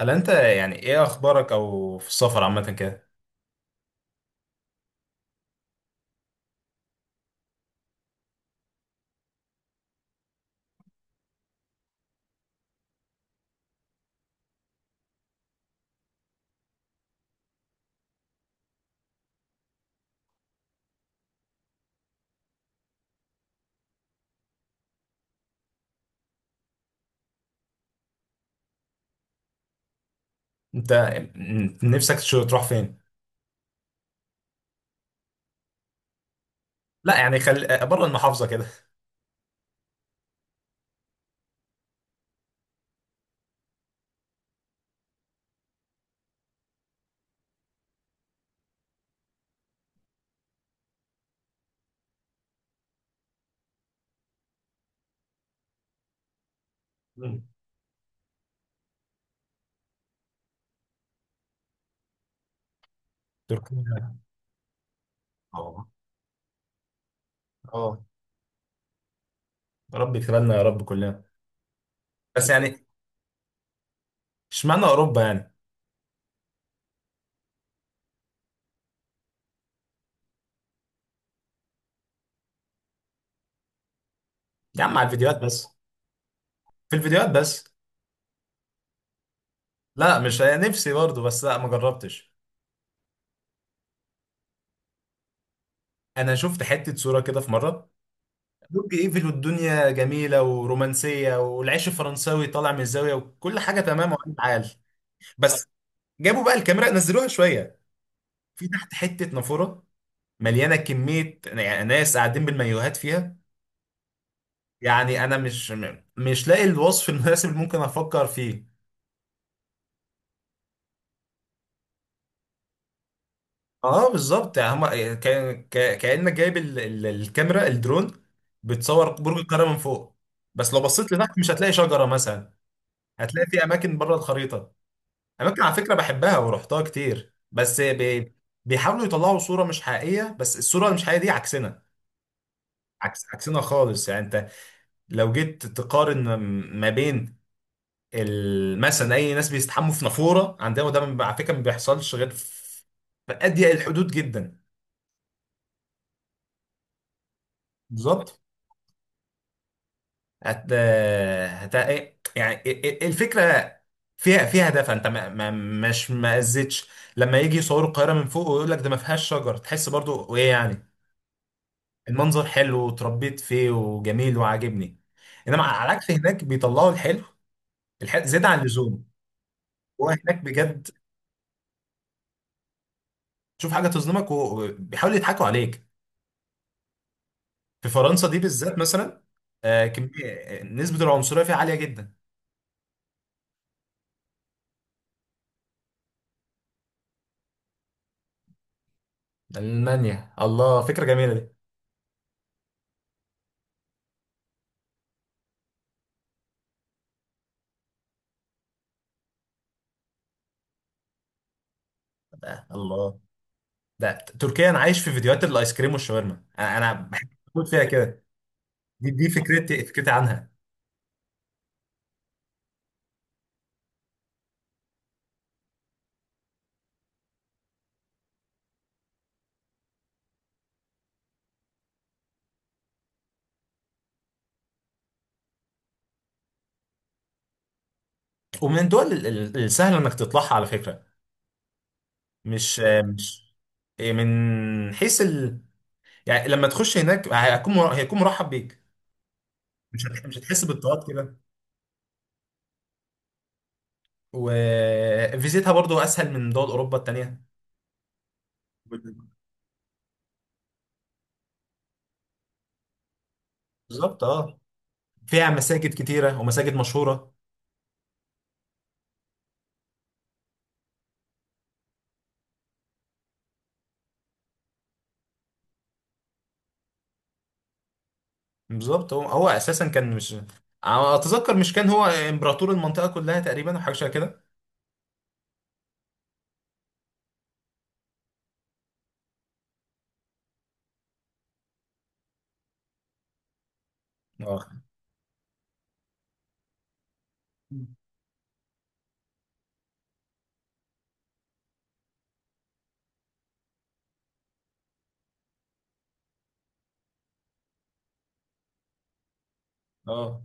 هل انت يعني ايه اخبارك او في السفر عامه كده؟ انت نفسك تروح فين؟ لا يعني خل بره المحافظه كده. مم. تركيا، اه. اه، يا رب يكتبنا يا رب كلنا. بس يعني اشمعنى اوروبا يعني؟ يا عم على الفيديوهات بس. في الفيديوهات بس. لا، مش نفسي برضه، بس لا ما جربتش. انا شفت حته صوره كده في مره، برج ايفل والدنيا جميله ورومانسيه والعيش الفرنساوي طالع من الزاويه وكل حاجه تمام وعيال عال. بس جابوا بقى الكاميرا نزلوها شويه في تحت حتة نافورة مليانة كمية يعني ناس قاعدين بالمايوهات فيها. يعني أنا مش مش لاقي الوصف المناسب اللي ممكن أفكر فيه. اه بالظبط، يعني هما كأنك جايب الكاميرا الدرون بتصور برج القاهرة من فوق، بس لو بصيت لتحت مش هتلاقي شجرة مثلا. هتلاقي في أماكن بره الخريطة. أماكن على فكرة بحبها ورحتها كتير، بيحاولوا يطلعوا صورة مش حقيقية، بس الصورة اللي مش حقيقية دي عكسنا. عكسنا خالص. يعني انت لو جيت تقارن ما بين مثلا اي ناس بيستحموا في نافوره عندنا، وده ما- على فكره ما بيحصلش غير في في اضيق الحدود جدا. بالظبط، هت... هت... إيه، يعني الفكره فيها هدف. انت ما... ما... مش ما اذيتش. لما يجي يصوروا القاهره من فوق ويقول لك ده ما فيهاش شجر تحس برضو ايه؟ يعني المنظر حلو وتربيت فيه وجميل وعاجبني. انما على العكس هناك بيطلعوا الحلو، الحلو زيادة عن اللزوم. هو هناك بجد تشوف حاجه تظلمك وبيحاولوا يضحكوا عليك. في فرنسا دي بالذات مثلا، كمية نسبة العنصرية فيه عالية جدا. ألمانيا، الله، فكرة جميلة دي. الله. ده تركيا أنا عايش في فيديوهات الآيس كريم والشاورما، أنا بحب أقول فيها كده. دي فكرتي، فكرتي عنها. ومن الدول السهل إنك تطلعها على فكرة. مش من حيث. يعني لما تخش هناك هيكون هيكون مرحب بيك. مش هتحس بالضغط كده. وفيزيتها برضو أسهل من دول أوروبا التانية. بالظبط اه. فيها مساجد كتيرة ومساجد مشهورة. بالظبط، هو اساسا كان مش، أنا اتذكر مش كان هو امبراطور المنطقه كلها تقريبا او حاجه شبه كده. اه اه.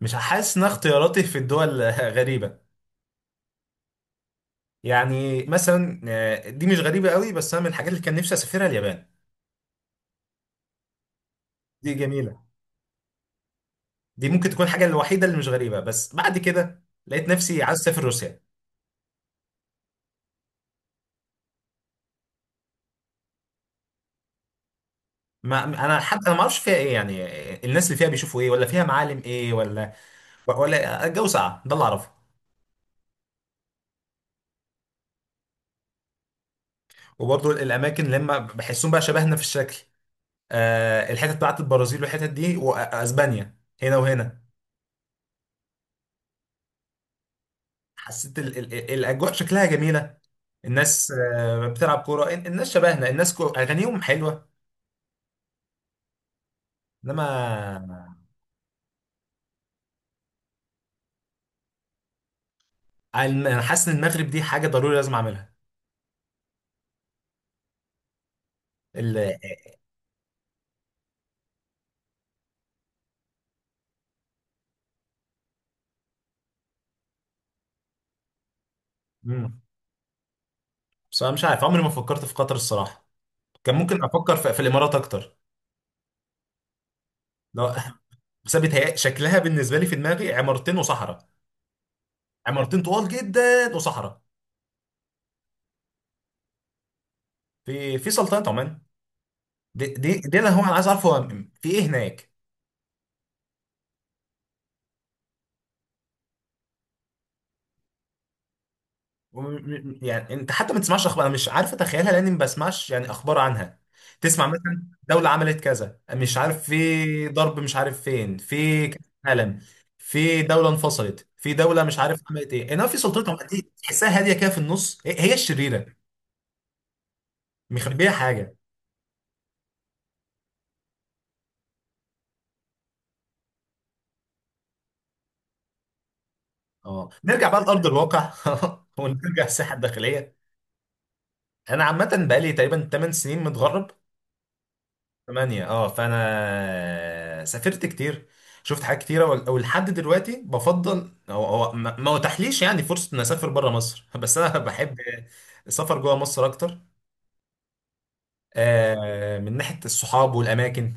مش حاسس ان اختياراتي في الدول غريبه. يعني مثلا دي مش غريبه قوي، بس انا من الحاجات اللي كان نفسي اسافرها اليابان. دي جميله. دي ممكن تكون الحاجه الوحيده اللي مش غريبه، بس بعد كده لقيت نفسي عايز اسافر روسيا. ما انا حتى ما اعرفش فيها ايه يعني. الناس اللي فيها بيشوفوا ايه ولا فيها معالم ايه ولا ولا الجو ساقع، ده اللي اعرفه. وبرضه الاماكن اللي هم بحسهم بقى شبهنا في الشكل. الحتت بتاعت البرازيل والحتت دي واسبانيا، هنا وهنا. حسيت الاجواء شكلها جميله. الناس بتلعب كوره، الناس شبهنا، الناس اغانيهم حلوه. انما انا حاسس ان المغرب دي حاجه ضروري لازم اعملها. ال- مم. بس انا مش عارف عمري ما فكرت في قطر الصراحه. كان ممكن افكر في, في الامارات اكتر. لو شكلها بالنسبه لي في دماغي عمارتين وصحراء، عمارتين طوال جدا وصحراء. في في سلطنه عمان، دي انا، انا عايز اعرف هو في ايه هناك. يعني انت حتى ما تسمعش اخبار، انا مش عارف اتخيلها لاني ما بسمعش يعني اخبار عنها. تسمع مثلا دولة عملت كذا مش عارف، في ضرب مش عارف فين، في كأس عالم، في دولة انفصلت، في دولة مش عارف عملت ايه، انما في سلطنة عمان دي تحسها هادية كده في النص، هي الشريرة، مخبية حاجة. اه نرجع بقى لأرض الواقع. ونرجع الساحة الداخلية. انا عامة بقالي تقريبا 8 سنين متغرب، ثمانية اه. فانا سافرت كتير، شفت حاجات كتيرة ولحد دلوقتي بفضل، هو ما اتاحليش يعني فرصة ان اسافر بره مصر. بس انا بحب السفر جوه مصر اكتر. آه، من ناحية الصحاب والاماكن.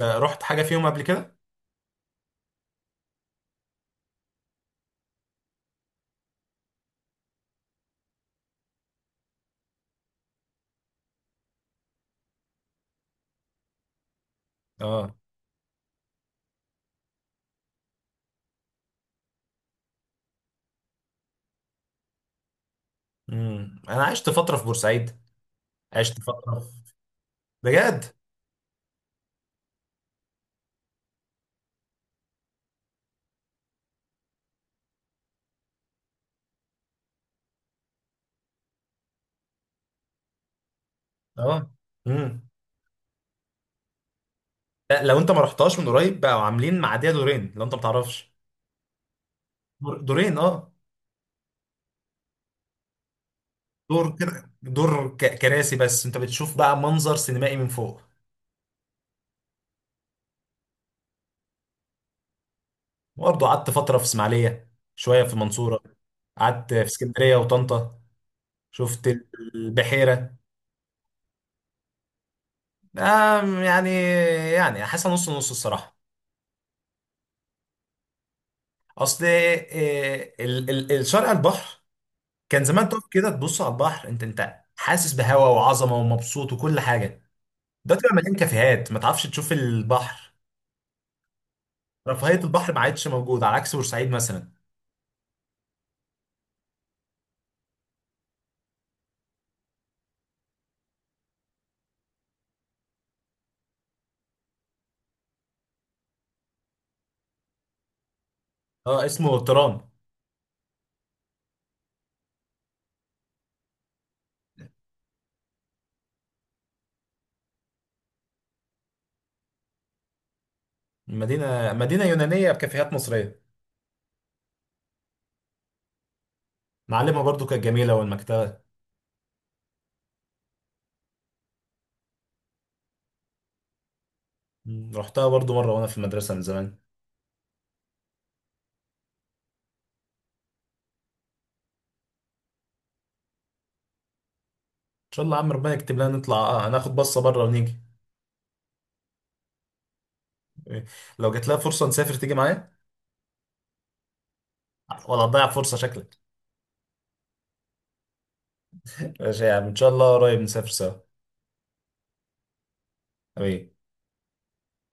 رحت حاجة فيهم قبل كده اه. امم، انا عشت فترة في بورسعيد، عشت فترة في بجد. اه. امم، لا، لو انت ما رحتهاش من قريب بقوا عاملين معادية دورين لو انت ما تعرفش. دورين اه. دور كده، دور كراسي، بس انت بتشوف بقى منظر سينمائي من فوق. برضه قعدت فتره في اسماعيليه، شويه في المنصوره، قعدت في اسكندريه وطنطا، شفت البحيره. آم، يعني يعني حاسه نص نص الصراحه. اصل الشارع على البحر كان زمان تقف كده تبص على البحر انت، حاسس بهوا وعظمه ومبسوط وكل حاجه. ده تبقى مليان كافيهات ما تعرفش تشوف البحر. رفاهيه البحر ما عادش موجوده على عكس بورسعيد مثلا. اه، اسمه ترام. مدينة يونانية بكافيهات مصرية. معلمها برضو كانت جميلة والمكتبة. رحتها برضو مرة وأنا في المدرسة من زمان. إن شاء الله يا عم، ربنا يكتب لنا نطلع، آه، هناخد بصة بره ونيجي. إيه، لو جات لها فرصة نسافر تيجي معايا، ولا هتضيع فرصة شكلك؟ ماشي يا عم، إن شاء الله قريب نسافر سوا، حبيبي.